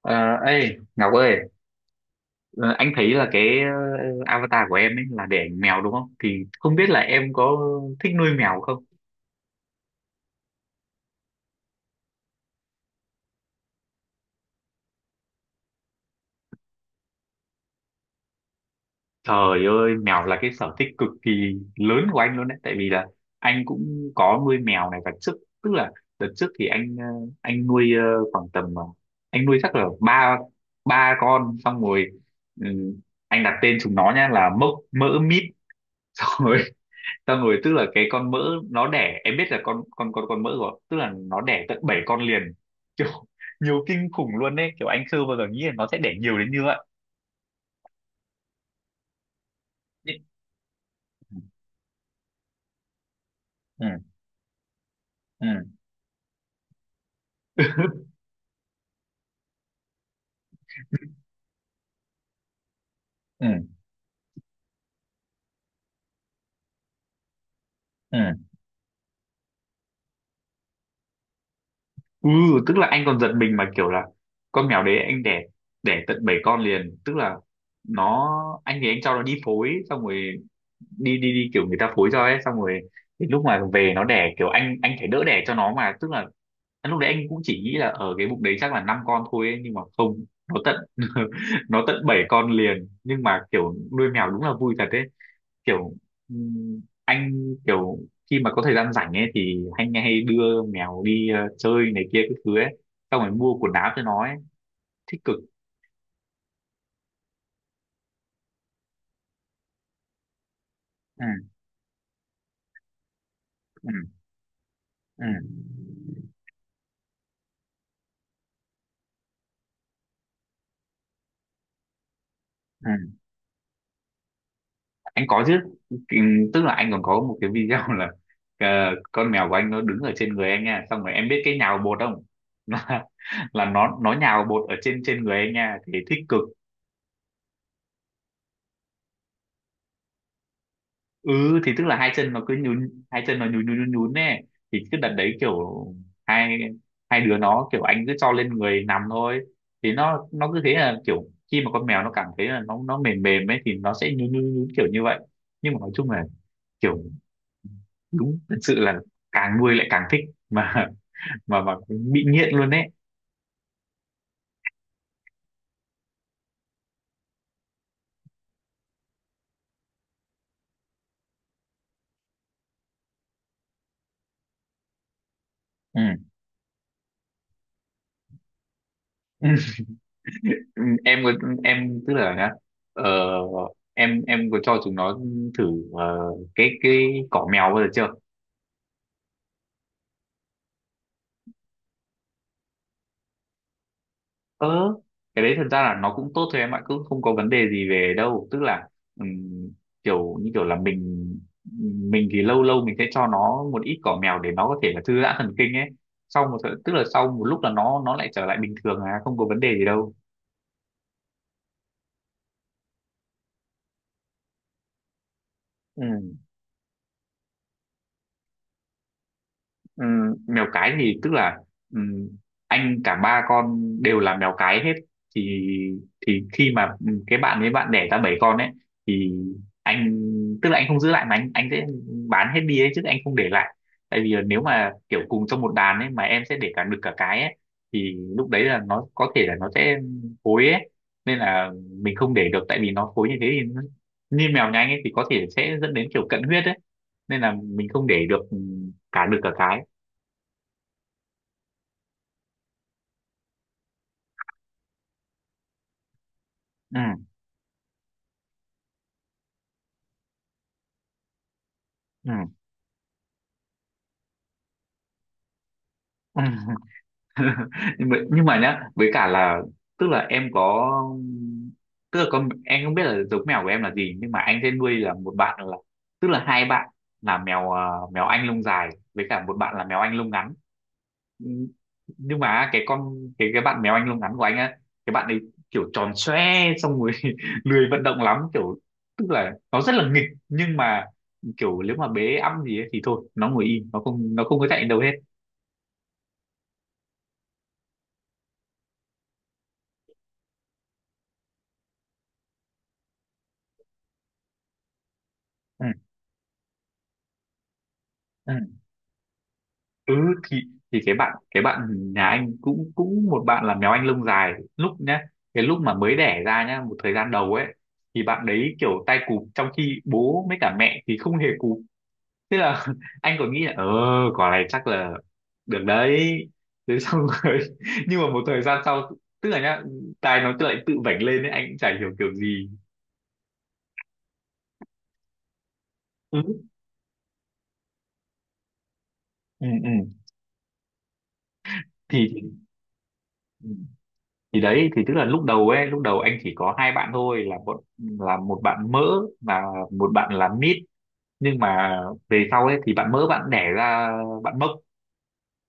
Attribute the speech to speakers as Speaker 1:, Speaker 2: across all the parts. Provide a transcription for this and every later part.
Speaker 1: Ờ, Ngọc ơi, ờ, anh thấy là avatar của em ấy là để ảnh mèo đúng không? Thì không biết là em có thích nuôi mèo không? Trời ơi, mèo là cái sở thích cực kỳ lớn của anh luôn đấy. Tại vì là anh cũng có nuôi mèo này và trước, tức là đợt trước thì anh nuôi khoảng tầm anh nuôi chắc là ba ba con, xong rồi ừ, anh đặt tên chúng nó nha là Mốc, Mỡ, Mít. Tao ngồi, tức là cái con mỡ nó đẻ, em biết là con mỡ rồi, tức là nó đẻ tận 7 con liền kiểu nhiều kinh khủng luôn đấy, kiểu anh chưa bao giờ nghĩ là nó sẽ đẻ nhiều đến như vậy. Ừ, ừ, ừ, ừ, ừ. Ừ, tức là anh còn giật mình mà kiểu là con mèo đấy anh đẻ, đẻ tận 7 con liền, tức là nó, anh thì anh cho nó đi phối xong rồi đi đi đi kiểu người ta phối cho ấy, xong rồi đến lúc mà về nó đẻ kiểu anh phải đỡ đẻ cho nó, mà tức là lúc đấy anh cũng chỉ nghĩ là ở cái bụng đấy chắc là năm con thôi ấy, nhưng mà không, nó tận nó tận bảy con liền. Nhưng mà kiểu nuôi mèo đúng là vui thật đấy, kiểu anh kiểu khi mà có thời gian rảnh ấy thì anh hay đưa mèo đi chơi này kia cái thứ ấy, xong rồi mua quần áo cho nó ấy, thích cực. Ừ, ừ, ừ, ừ. Anh có chứ. Tức là anh còn có một cái video là ờ, con mèo của anh nó đứng ở trên người anh nha, xong rồi em biết cái nhào bột không, là, là nó nhào bột ở trên trên người anh nha, thì thích cực. Ừ, thì tức là hai chân nó cứ nhún, hai chân nó nhún nhún nhún nhún nè, thì cứ đặt đấy kiểu hai hai đứa nó, kiểu anh cứ cho lên người nằm thôi, thì nó cứ thế là kiểu khi mà con mèo nó cảm thấy là nó mềm mềm ấy thì nó sẽ nhún nhún nhún kiểu như vậy. Nhưng mà nói chung là kiểu đúng thật sự là càng nuôi lại càng thích, mà mà bị nghiện luôn đấy. Ừ. Ừ, em có, em tức là nhá, ờ, em có cho chúng nó thử cái cỏ mèo bao giờ chưa? ờ cái đấy thật ra là nó cũng tốt thôi em ạ, cũng không có vấn đề gì về đâu, tức là ừm, kiểu như kiểu là mình thì lâu lâu mình sẽ cho nó một ít cỏ mèo để nó có thể là thư giãn thần kinh ấy, sau tức là sau một lúc là nó lại trở lại bình thường, à không có vấn đề gì đâu. Ừ. Ừm, Mèo cái thì tức là ừm, anh cả ba con đều là mèo cái hết, thì thì khi mà cái bạn ấy bạn đẻ ra bảy con ấy thì anh, tức là anh không giữ lại mà anh sẽ bán hết đi ấy, chứ anh không để lại, tại vì là nếu mà kiểu cùng trong một đàn ấy mà em sẽ để cả đực cả cái ấy thì lúc đấy là nó có thể là nó sẽ phối ấy, nên là mình không để được, tại vì nó phối như thế thì như mèo nhà anh ấy thì có thể sẽ dẫn đến kiểu cận huyết ấy, nên là mình không để được cả đực cả cái. Ừ, ừ, ừ. Nhưng mà nhá, với cả là tức là em có, tức là con em không biết là giống mèo của em là gì, nhưng mà anh sẽ nuôi là một bạn là, tức là hai bạn là mèo anh lông dài với cả một bạn là mèo anh lông ngắn. Ừ, nhưng mà cái con cái bạn mèo anh lông ngắn của anh á, cái bạn ấy kiểu tròn xoe, xong rồi lười vận động lắm, kiểu tức là nó rất là nghịch, nhưng mà kiểu nếu mà bế ẵm gì ấy, thì thôi nó ngồi im, nó không, nó không có chạy đâu hết. Ừ, ừ. Ừ, thì thì cái bạn nhà anh cũng, cũng một bạn là mèo anh lông dài, lúc nhá cái lúc mà mới đẻ ra nhá một thời gian đầu ấy, thì bạn đấy kiểu tay cụp, trong khi bố với cả mẹ thì không hề cụp, thế là anh còn nghĩ là ờ, quả này chắc là được đấy, thế xong rồi nhưng mà một thời gian sau, tức là nhá tai nó lại tự vểnh lên ấy, anh cũng chả hiểu kiểu gì. Ừ, ừ, ừ. thì thì đấy, thì tức là lúc đầu ấy, lúc đầu anh chỉ có hai bạn thôi là một, là một bạn mỡ và một bạn là mít. Nhưng mà về sau ấy thì bạn mỡ bạn đẻ ra bạn mốc,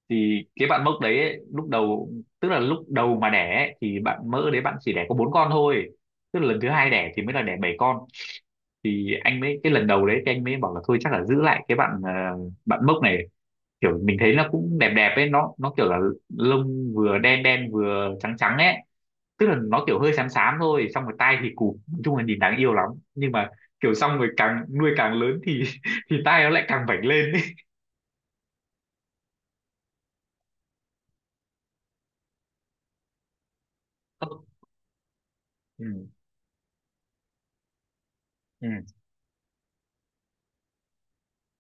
Speaker 1: thì cái bạn mốc đấy ấy, lúc đầu tức là lúc đầu mà đẻ ấy, thì bạn mỡ đấy bạn chỉ đẻ có bốn con thôi, tức là lần thứ hai đẻ thì mới là đẻ bảy con, thì anh mới, cái lần đầu đấy thì anh mới bảo là thôi chắc là giữ lại cái bạn, bạn mốc này, kiểu mình thấy nó cũng đẹp đẹp ấy, nó kiểu là lông vừa đen đen vừa trắng trắng ấy, tức là nó kiểu hơi xám xám thôi, xong rồi tai thì cụp, nói chung là nhìn đáng yêu lắm. Nhưng mà kiểu xong rồi càng nuôi càng lớn thì thì tai nó lại càng vảnh lên ấy. Ừ, ừ,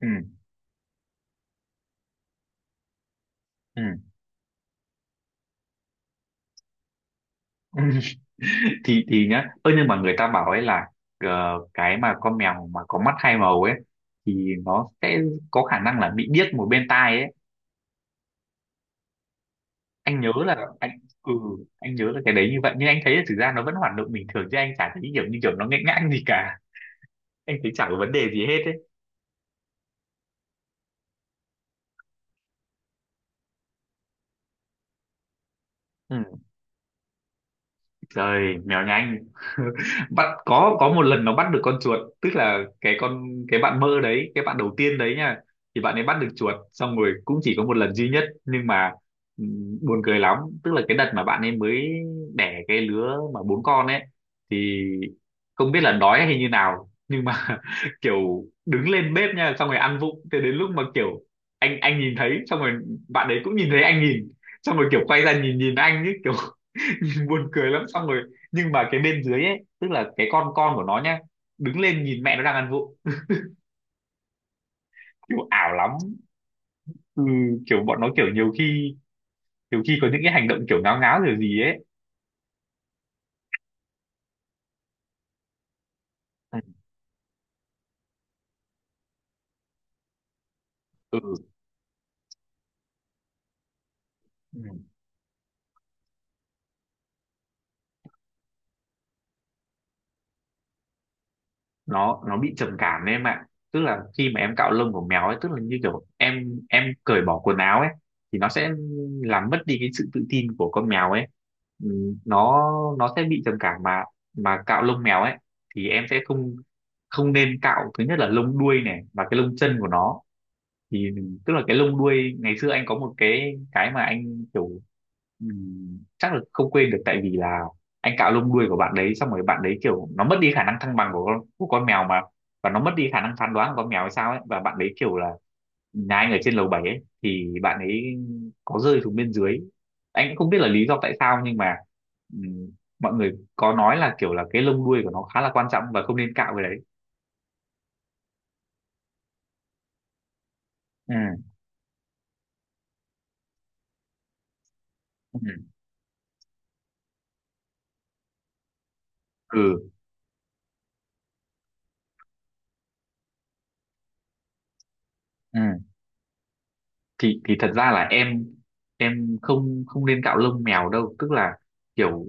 Speaker 1: ừ, ừ. Thì nhá ơ nhưng mà người ta bảo ấy là cái mà con mèo mà có mắt hai màu ấy thì nó sẽ có khả năng là bị điếc một bên tai ấy, anh nhớ là anh, ừ, anh nhớ là cái đấy như vậy, nhưng anh thấy là thực ra nó vẫn hoạt động bình thường, chứ anh chả thấy kiểu như kiểu nó nghẽn ngãng gì cả, anh thấy chả có vấn đề gì hết ấy. Ừ, trời mèo nhanh. Bắt, có một lần nó bắt được con chuột, tức là cái con, cái bạn mơ đấy, cái bạn đầu tiên đấy nha, thì bạn ấy bắt được chuột, xong rồi cũng chỉ có một lần duy nhất. Nhưng mà buồn cười lắm, tức là cái đợt mà bạn ấy mới đẻ cái lứa mà bốn con ấy, thì không biết là đói hay như nào, nhưng mà kiểu đứng lên bếp nha, xong rồi ăn vụng, thế đến lúc mà kiểu anh nhìn thấy, xong rồi bạn ấy cũng nhìn thấy anh nhìn, xong rồi kiểu quay ra nhìn nhìn anh ấy kiểu buồn cười lắm, xong rồi nhưng mà cái bên dưới ấy, tức là cái con của nó nhá đứng lên nhìn mẹ nó đang ăn vụng, kiểu ảo lắm. Ừ, kiểu bọn nó kiểu nhiều khi, nhiều khi có những cái hành động kiểu ngáo ngáo kiểu gì ấy. Ừ, ừ. Nó bị trầm cảm đấy em ạ, tức là khi mà em cạo lông của mèo ấy, tức là như kiểu em cởi bỏ quần áo ấy, thì nó sẽ làm mất đi cái sự tự tin của con mèo ấy. Ừ, nó nó sẽ bị trầm cảm, mà cạo lông mèo ấy thì em sẽ không, không nên cạo, thứ nhất là lông đuôi này, và cái lông chân của nó. Thì tức là cái lông đuôi ngày xưa anh có một cái mà anh kiểu chắc là không quên được, tại vì là anh cạo lông đuôi của bạn đấy, xong rồi bạn đấy kiểu nó mất đi khả năng thăng bằng của con mèo mà, và nó mất đi khả năng phán đoán của con mèo hay sao ấy, và bạn đấy kiểu là nhà anh ở trên lầu 7 ấy, thì bạn ấy có rơi xuống bên dưới, anh cũng không biết là lý do tại sao. Nhưng mà ừm, mọi người có nói là kiểu là cái lông đuôi của nó khá là quan trọng và không nên cạo cái đấy. Ừ, ừ, ừ. Thì thật ra là em không không nên cạo lông mèo đâu, tức là kiểu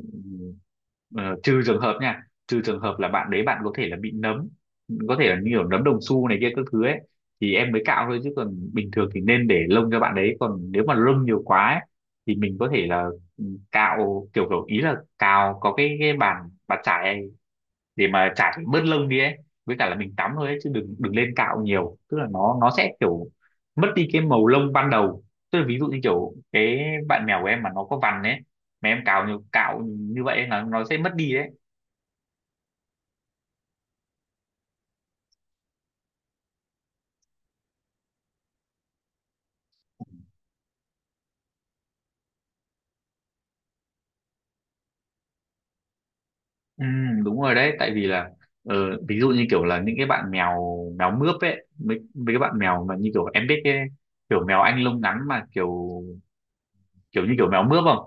Speaker 1: ờ, trừ trường hợp nha, trừ trường hợp là bạn đấy bạn có thể là bị nấm, có thể là như kiểu nấm đồng xu này kia các thứ ấy, thì em mới cạo thôi, chứ còn bình thường thì nên để lông cho bạn đấy, còn nếu mà lông nhiều quá ấy, thì mình có thể là ừ, cạo kiểu, kiểu ý là cào, có cái bàn, bàn chải để mà chải bớt lông đi ấy, với cả là mình tắm thôi ấy, chứ đừng đừng lên cạo nhiều, tức là nó sẽ kiểu mất đi cái màu lông ban đầu, tức là ví dụ như kiểu cái bạn mèo của em mà nó có vằn ấy, mà em cạo nhiều cạo như vậy ấy, là nó sẽ mất đi đấy. Ừ, đúng rồi đấy, tại vì là ờ, ví dụ như kiểu là những cái bạn mèo mèo mướp ấy, mấy, mấy cái bạn mèo mà như kiểu em biết cái kiểu mèo anh lông ngắn mà kiểu kiểu như kiểu mèo mướp không,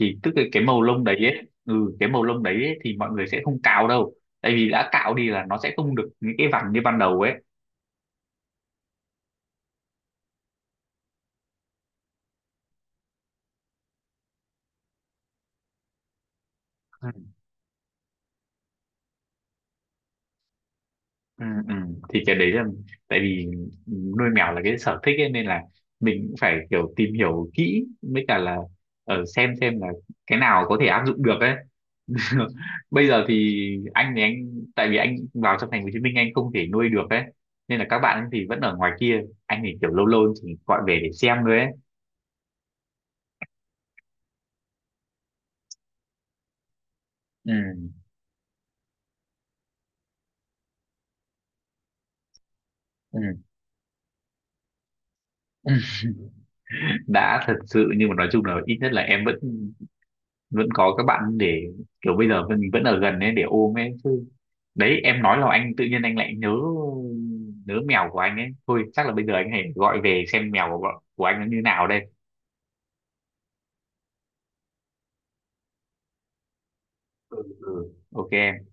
Speaker 1: thì tức là cái màu lông đấy ấy, ừ cái màu lông đấy ấy, thì mọi người sẽ không cạo đâu, tại vì đã cạo đi là nó sẽ không được những cái vằn như ban đầu ấy. Ừ. Ừ, ừ. Thì cái đấy là, tại vì nuôi mèo là cái sở thích ấy, nên là mình cũng phải kiểu tìm hiểu kỹ, với cả là ở xem là cái nào có thể áp dụng được ấy. Bây giờ thì anh, thì anh, tại vì anh vào trong thành phố Hồ Chí Minh anh không thể nuôi được ấy, nên là các bạn thì vẫn ở ngoài kia, anh thì kiểu lâu lâu chỉ gọi về để xem thôi ấy. Ừ. Ừ. Ừ. Đã thật sự nhưng mà nói chung là ít nhất là em vẫn, vẫn có các bạn để kiểu bây giờ mình vẫn ở gần ấy để ôm ấy chứ. Đấy em nói là anh tự nhiên anh lại nhớ, nhớ mèo của anh ấy, thôi chắc là bây giờ anh hãy gọi về xem mèo của anh nó như nào đây. Ừ, ừ. Ok.